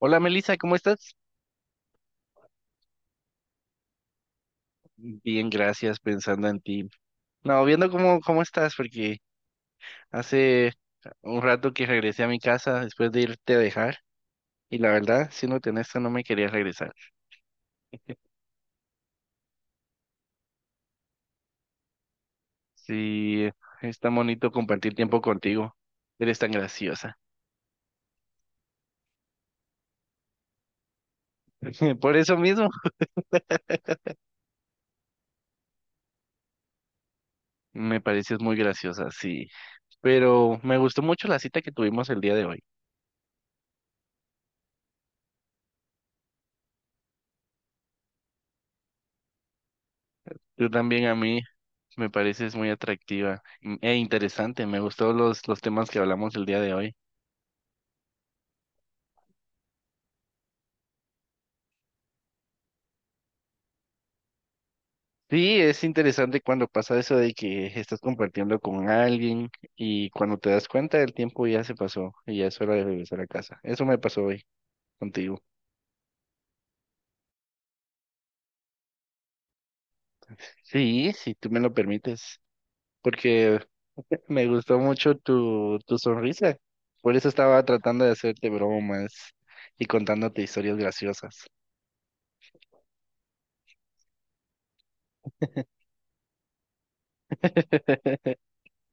Hola Melissa, ¿cómo estás? Bien, gracias, pensando en ti. No, viendo cómo estás, porque hace un rato que regresé a mi casa después de irte a dejar, y la verdad, siéndote honesto, no me quería regresar. Sí, es tan bonito compartir tiempo contigo. Eres tan graciosa. Por eso mismo, me pareces muy graciosa, sí. Pero me gustó mucho la cita que tuvimos el día de hoy. Tú también a mí me pareces muy atractiva e interesante. Me gustó los temas que hablamos el día de hoy. Sí, es interesante cuando pasa eso de que estás compartiendo con alguien y cuando te das cuenta el tiempo ya se pasó y ya es hora de regresar a casa. Eso me pasó hoy contigo. Sí, si tú me lo permites, porque me gustó mucho tu sonrisa. Por eso estaba tratando de hacerte bromas y contándote historias graciosas.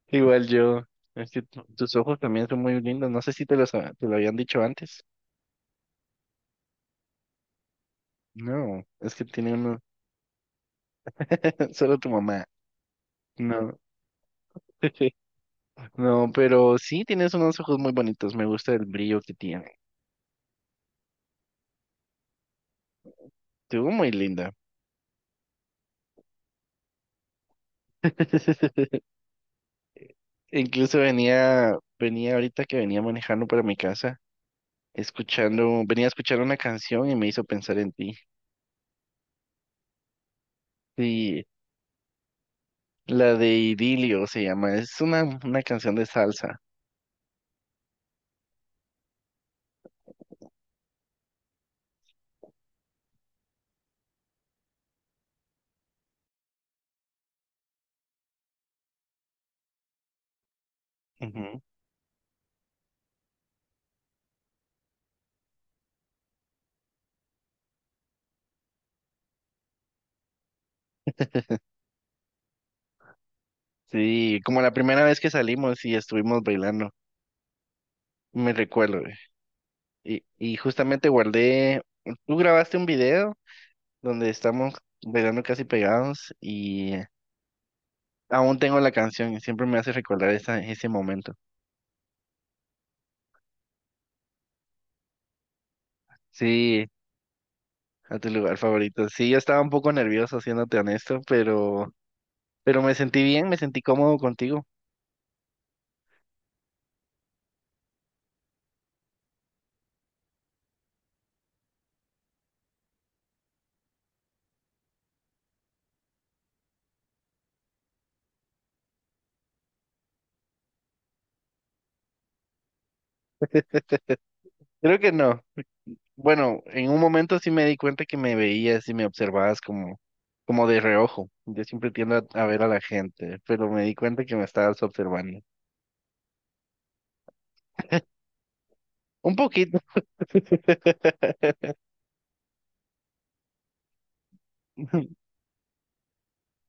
Igual yo, es que tus ojos también son muy lindos. No sé si te los te lo habían dicho antes. No, es que tiene uno, solo tu mamá. No. No, pero sí tienes unos ojos muy bonitos. Me gusta el brillo que tiene. Estuvo muy linda. Incluso venía ahorita que venía manejando para mi casa, escuchando, venía a escuchar una canción y me hizo pensar en ti. Sí, la de Idilio se llama. Es una canción de salsa. Ujú. Sí, como la primera vez que salimos y estuvimos bailando, me recuerdo. Y justamente guardé, tú grabaste un video donde estamos bailando casi pegados y aún tengo la canción y siempre me hace recordar ese momento. Sí, a tu lugar favorito. Sí, yo estaba un poco nervioso, siéndote honesto, pero me sentí bien, me sentí cómodo contigo. Creo que no. Bueno, en un momento sí me di cuenta que me veías y me observabas como de reojo. Yo siempre tiendo a ver a la gente, pero me di cuenta que me estabas observando. Un poquito.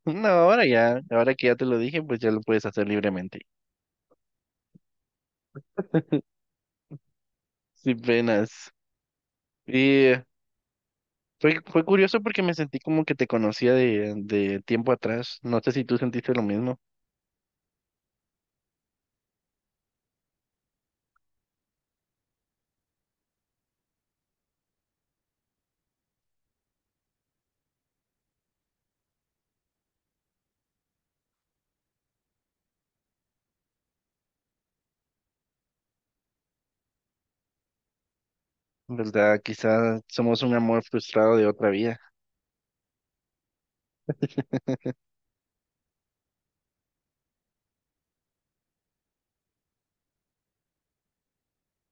No, ahora que ya te lo dije, pues ya lo puedes hacer libremente, sin penas. Y fue curioso porque me sentí como que te conocía de tiempo atrás. No sé si tú sentiste lo mismo, ¿verdad? Quizás somos un amor frustrado de otra vida.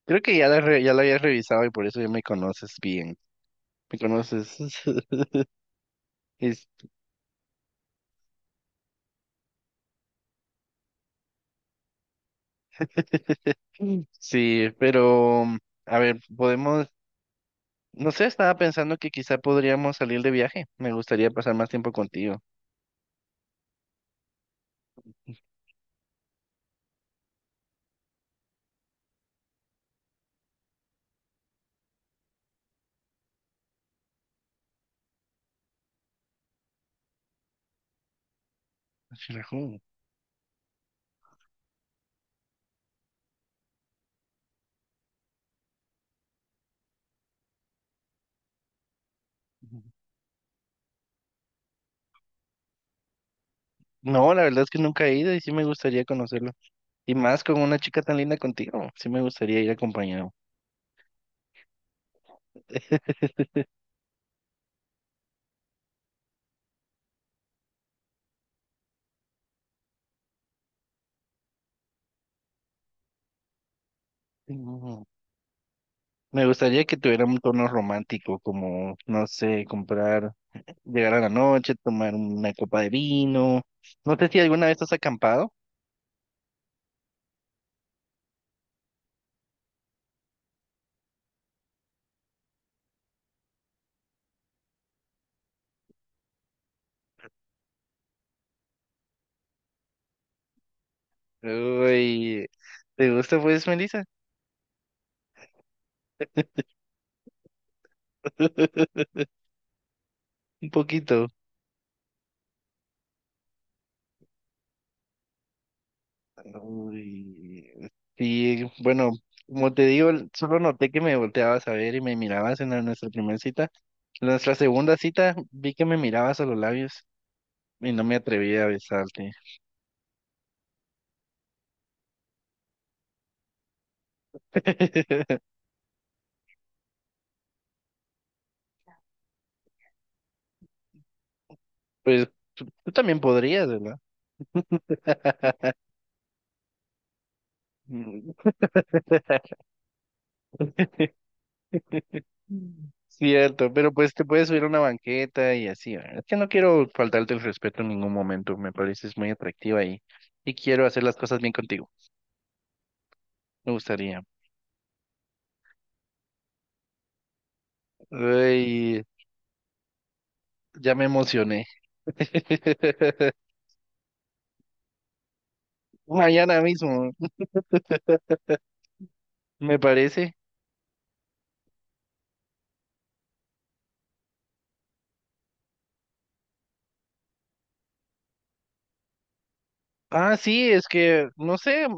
Creo que ya ya la habías revisado y por eso ya me conoces bien. Me conoces. Es- Sí, pero a ver, podemos, no sé, estaba pensando que quizá podríamos salir de viaje. Me gustaría pasar más tiempo contigo. Xirajú. No, la verdad es que nunca he ido y sí me gustaría conocerlo. Y más con una chica tan linda contigo. Sí me gustaría ir acompañado. Mm. Me gustaría que tuviera un tono romántico, como, no sé, comprar, llegar a la noche, tomar una copa de vino. No sé si alguna vez has acampado. Uy, ¿te gusta pues, Melissa? Un poquito. Uy, sí, bueno, como te digo, solo noté que me volteabas a ver y me mirabas en nuestra primera cita. En nuestra segunda cita vi que me mirabas a los labios y no me atreví a besarte. Pues tú también podrías, ¿verdad? Mm, Cierto, pero pues te puedes subir a una banqueta y así. ¿Verdad? Es que no quiero faltarte el respeto en ningún momento. Me pareces muy atractiva y quiero hacer las cosas bien contigo. Me gustaría. Uy, ya me emocioné. Mañana mismo, me parece. Ah, sí, es que, no sé,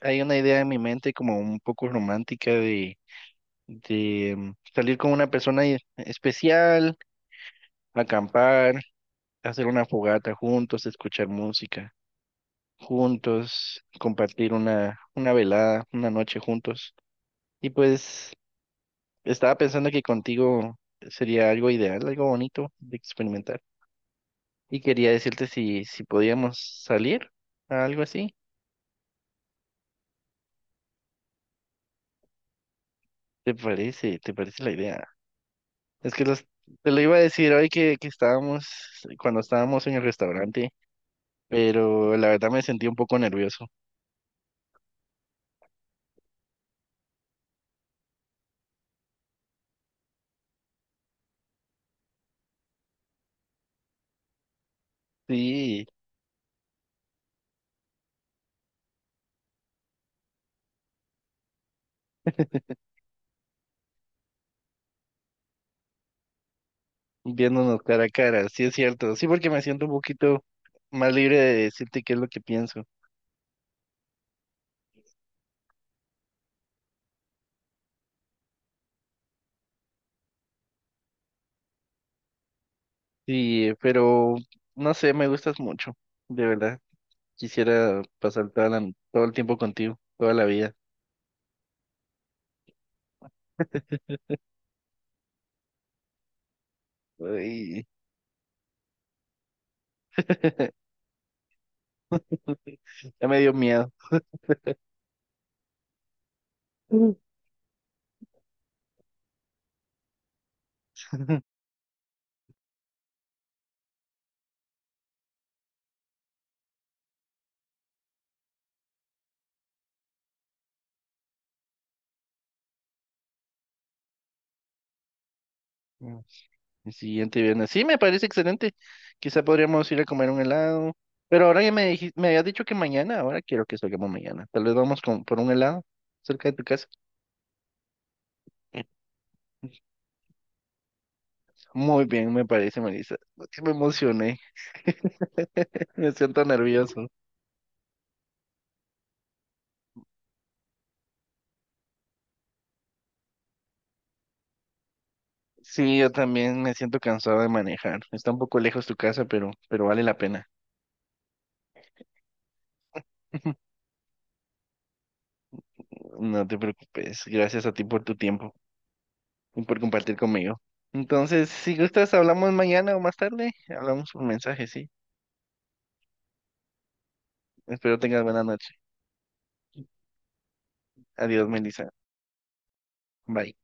hay una idea en mi mente como un poco romántica de salir con una persona especial, acampar, hacer una fogata juntos, escuchar música juntos, compartir una velada, una noche juntos. Y pues estaba pensando que contigo sería algo ideal, algo bonito de experimentar. Y quería decirte si podíamos salir a algo así. ¿Te parece? ¿Te parece la idea? Es que los- te lo iba a decir hoy que estábamos, cuando estábamos en el restaurante, pero la verdad me sentí un poco nervioso. Sí, viéndonos cara a cara, sí es cierto. Sí, porque me siento un poquito más libre de decirte qué es lo que pienso. Sí, pero no sé, me gustas mucho, de verdad. Quisiera pasar todo el tiempo contigo, toda la vida. Ay, ya me dio miedo. Mm. Ujú. Mm, El siguiente viernes. Sí, me parece excelente. Quizá podríamos ir a comer un helado. Pero ahora ya me habías dicho que mañana, ahora quiero que salgamos mañana. Tal vez por un helado cerca de tu casa. Muy bien, me parece, Melissa. Sí, me emocioné. Me siento nervioso. Sí, yo también me siento cansado de manejar. Está un poco lejos tu casa, pero vale la pena. No te preocupes. Gracias a ti por tu tiempo y por compartir conmigo. Entonces, si gustas, hablamos mañana o más tarde. Hablamos por mensaje, sí. Espero tengas buena noche. Adiós, Melissa. Bye.